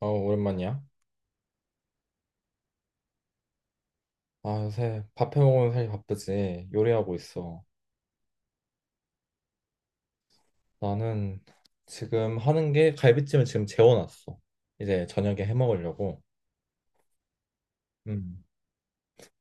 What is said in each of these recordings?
어, 오랜만이야. 아, 요새 밥해 먹으면 살기 바쁘지. 요리하고 있어. 나는 지금 하는 게 갈비찜을 지금 재워놨어. 이제 저녁에 해 먹으려고. 음.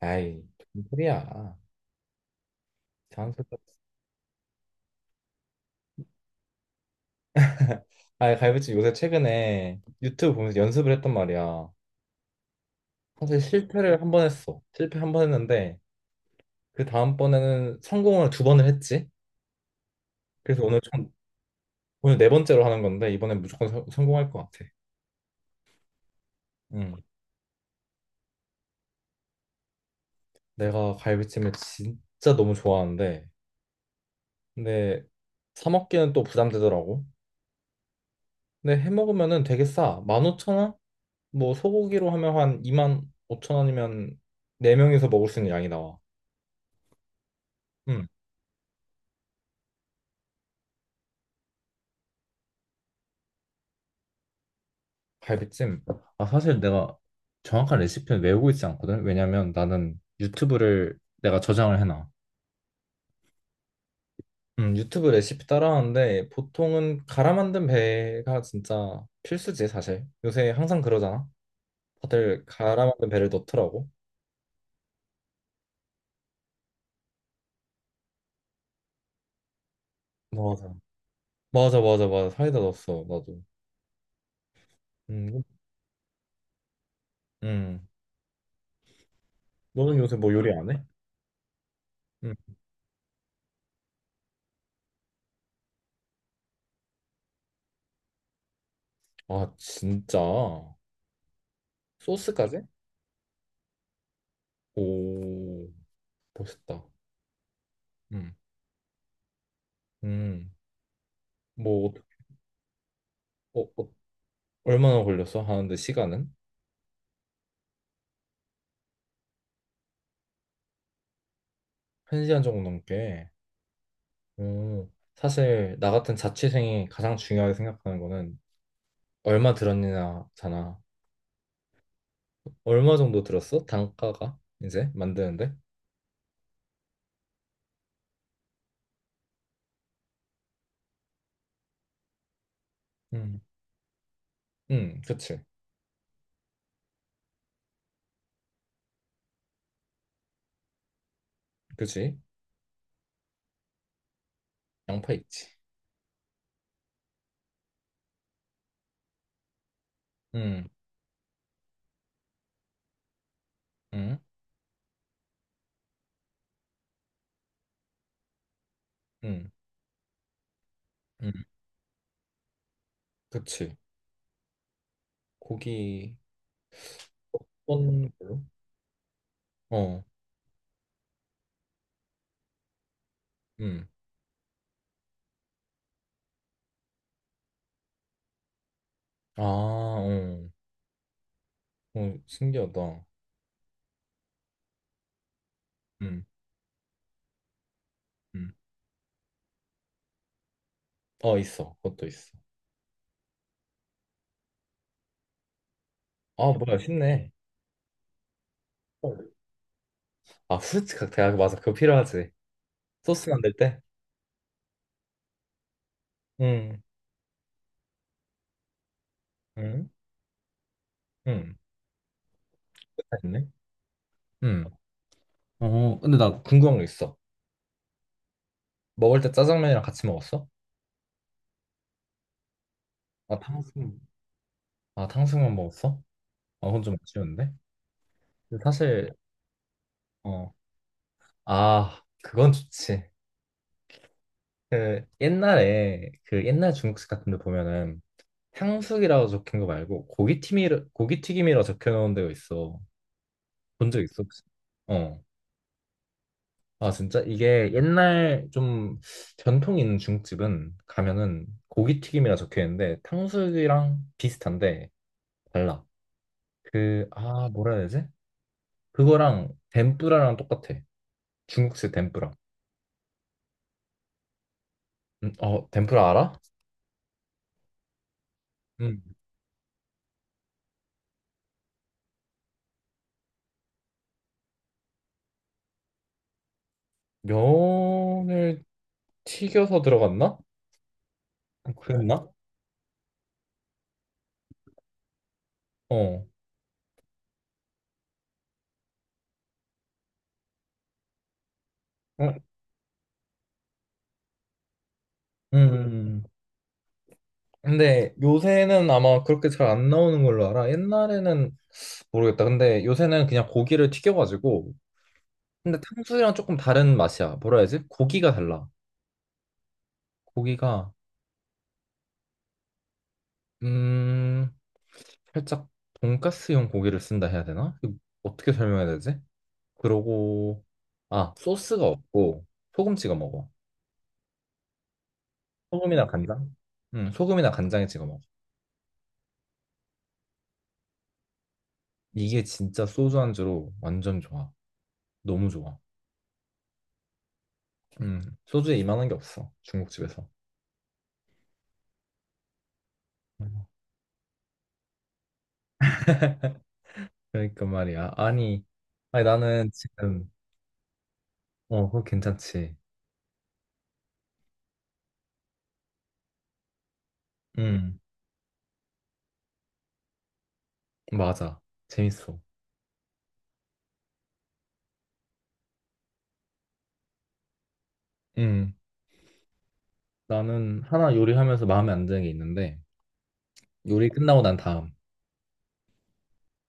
아이, 무슨 소리야. 자연스럽게. 아, 갈비찜 요새 최근에 유튜브 보면서 연습을 했단 말이야. 사실 실패를 한 번 했어. 실패 한 번 했는데 그 다음번에는 성공을 두 번을 했지. 그래서 오늘 네 번째로 하는 건데 이번엔 무조건 성공할 것 같아. 음. 내가 갈비찜을 진짜 너무 좋아하는데 근데 사 먹기는 또 부담되더라고. 근데 해 먹으면은 되게 싸. 15,000원? 뭐 소고기로 하면 한 25,000원이면 네명이서 먹을 수 있는 양이 나와. 응. 갈비찜. 아, 사실 내가 정확한 레시피는 외우고 있지 않거든. 왜냐면 나는 유튜브를 내가 저장을 해놔. 유튜브 레시피 따라하는데 보통은 갈아 만든 배가 진짜 필수지, 사실. 요새 항상 그러잖아. 다들 갈아 만든 배를 넣더라고. 맞아. 맞아, 맞아, 맞아. 사이다 넣었어, 나도. 음, 음. 너는 요새 뭐 요리 안 해? 음. 아, 진짜? 소스까지? 오, 멋있다. 음, 음. 뭐, 어, 어, 어, 얼마나 걸렸어? 하는데 시간은? 한 시간 정도 넘게. 오, 사실 나 같은 자취생이 가장 중요하게 생각하는 거는 얼마 들었느냐잖아. 얼마 정도 들었어? 단가가 이제 만드는데? 음, 그치, 그치. 양파 있지. 음, 음, 음, 음, 그치. 고기. 어떤 걸로? 어, 음. 아, 어, 어, 신기하다. 음, 음. 어, 있어. 그것도 있어. 아, 뭐야, 쉽네. 아, 후르츠 칵테일. 아, 맞아. 그거 필요하지. 소스 만들 때? 응, 응, 응. 다 있네. 응. 어, 근데 나 궁금한 거 있어. 먹을 때 짜장면이랑 같이 먹었어? 아, 탕수육. 아, 탕수육만 먹었어? 아, 그건 좀 아쉬운데? 근데 사실, 어, 아, 그건 좋지. 그, 옛날에, 그 옛날 중국집 같은 데 보면은 탕수육이라고 적힌 거 말고 고기튀김이라고 적혀놓은 데가 있어. 본 적 있어 혹시? 어. 아, 진짜 이게 옛날 좀 전통 있는 중국집은 가면은 고기튀김이라 적혀 있는데 탕수육이랑 비슷한데 달라. 그 아 뭐라 해야 되지? 그거랑 덴뿌라랑 똑같아. 중국식 덴뿌라. 어 덴뿌라 알아? 음. 면을 튀겨서 들어갔나? 그랬나? 어. 어, 음. 음. 근데 요새는 아마 그렇게 잘 안 나오는 걸로 알아. 옛날에는 모르겠다. 근데 요새는 그냥 고기를 튀겨가지고. 근데 탕수육이랑 조금 다른 맛이야. 뭐라 해야지? 고기가 달라. 고기가, 음, 살짝 돈가스용 고기를 쓴다 해야 되나? 이거 어떻게 설명해야 되지? 그러고, 아, 소스가 없고 소금 찍어 먹어. 소금이나 간장? 응, 소금이나 간장에 찍어 먹어. 이게 진짜 소주 안주로 완전 좋아. 너무 좋아. 음, 소주에 이만한 게 없어. 중국집에서. 그러니까 말이야. 아니, 아니 나는 지금 어, 그거 괜찮지. 음, 맞아. 재밌어. 음, 나는 하나 요리하면서 마음에 안 드는 게 있는데 요리 끝나고 난 다음.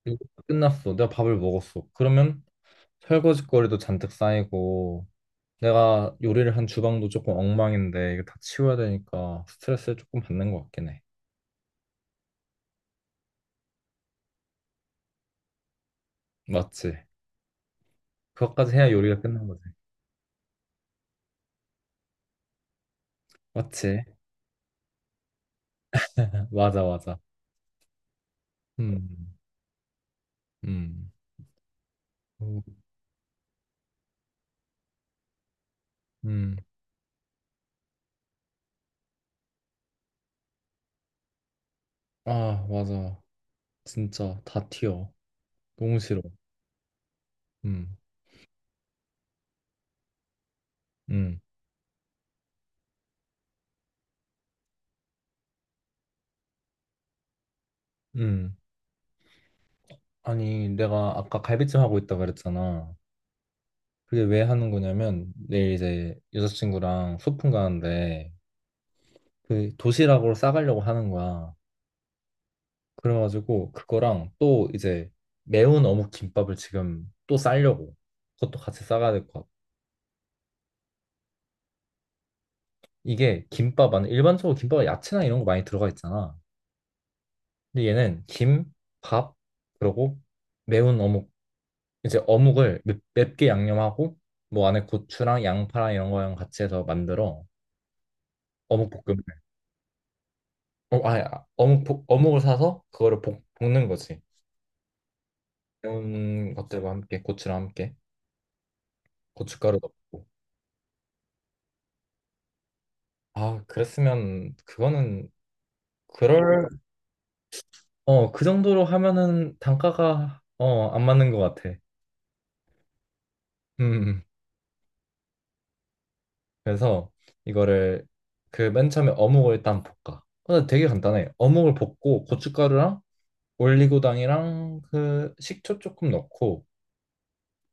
요리 끝났어. 내가 밥을 먹었어. 그러면 설거지거리도 잔뜩 쌓이고 내가 요리를 한 주방도 조금 엉망인데 이거 다 치워야 되니까 스트레스를 조금 받는 것 같긴 해. 맞지? 그것까지 해야 요리가 끝난 거지. 맞지? 맞아, 맞아. 음, 음, 음. 음. 아, 맞아. 진짜 다 튀어. 너무 싫어. 음, 음, 음. 아니, 내가 아까 갈비찜 하고 있다 그랬잖아. 그게 왜 하는 거냐면 내일 이제 여자친구랑 소풍 가는데 그 도시락으로 싸가려고 하는 거야. 그래가지고 그거랑 또 이제 매운 어묵 김밥을 지금 또 싸려고. 그것도 같이 싸가야 될 것 같아. 이게 김밥 안에 일반적으로 김밥에 야채나 이런 거 많이 들어가 있잖아. 근데 얘는 김, 밥, 그리고 매운 어묵 이제 어묵을 맵게 양념하고 뭐 안에 고추랑 양파랑 이런 거랑 같이 해서 만들어 어묵 볶음을 어, 아니, 아, 어묵을 사서 그거를 볶는 거지 매운 것들과 함께 고추랑 함께 고춧가루 넣고 아 그랬으면 그거는 그럴 어 그 정도로 하면은 단가가 어 안 맞는 것 같아 음 음. 그래서 이거를 그 맨 처음에 어묵을 일단 볶아 근데 되게 간단해 어묵을 볶고 고춧가루랑 올리고당이랑 그 식초 조금 넣고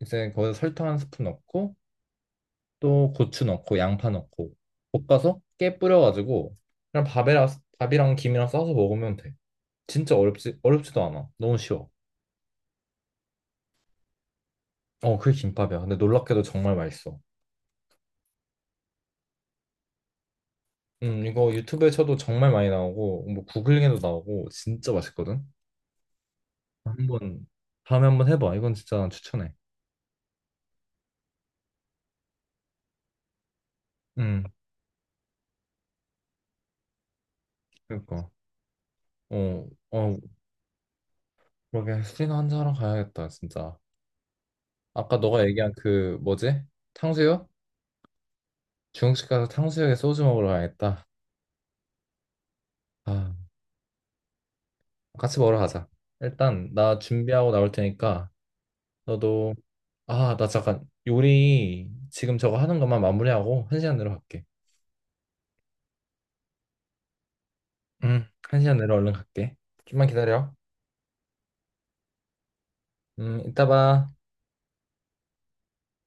이제 거기에 설탕 한 스푼 넣고 또 고추 넣고 양파 넣고 볶아서 깨 뿌려가지고 그냥 밥이랑 김이랑 싸서 먹으면 돼. 진짜 어렵지 어렵지도 않아. 너무 쉬워. 어, 그게 김밥이야. 근데 놀랍게도 정말 맛있어. 이거 유튜브에 쳐도 정말 많이 나오고 뭐 구글링에도 나오고 진짜 맛있거든. 한번 다음에 한번 해봐. 이건 진짜 추천해. 음, 그러니까. 어, 어, 그러게 술이나 한잔하러 가야겠다, 진짜. 아까 너가 얘기한 그 뭐지? 탕수육? 중국집 가서 탕수육에 소주 먹으러 가야겠다. 아, 같이 먹으러 가자. 일단 나 준비하고 나올 테니까 너도 아, 나 잠깐 요리 지금 저거 하는 것만 마무리하고 한 시간 내로 갈게. 응, 한 시간 내로 얼른 갈게. 좀만 기다려. 이따 봐.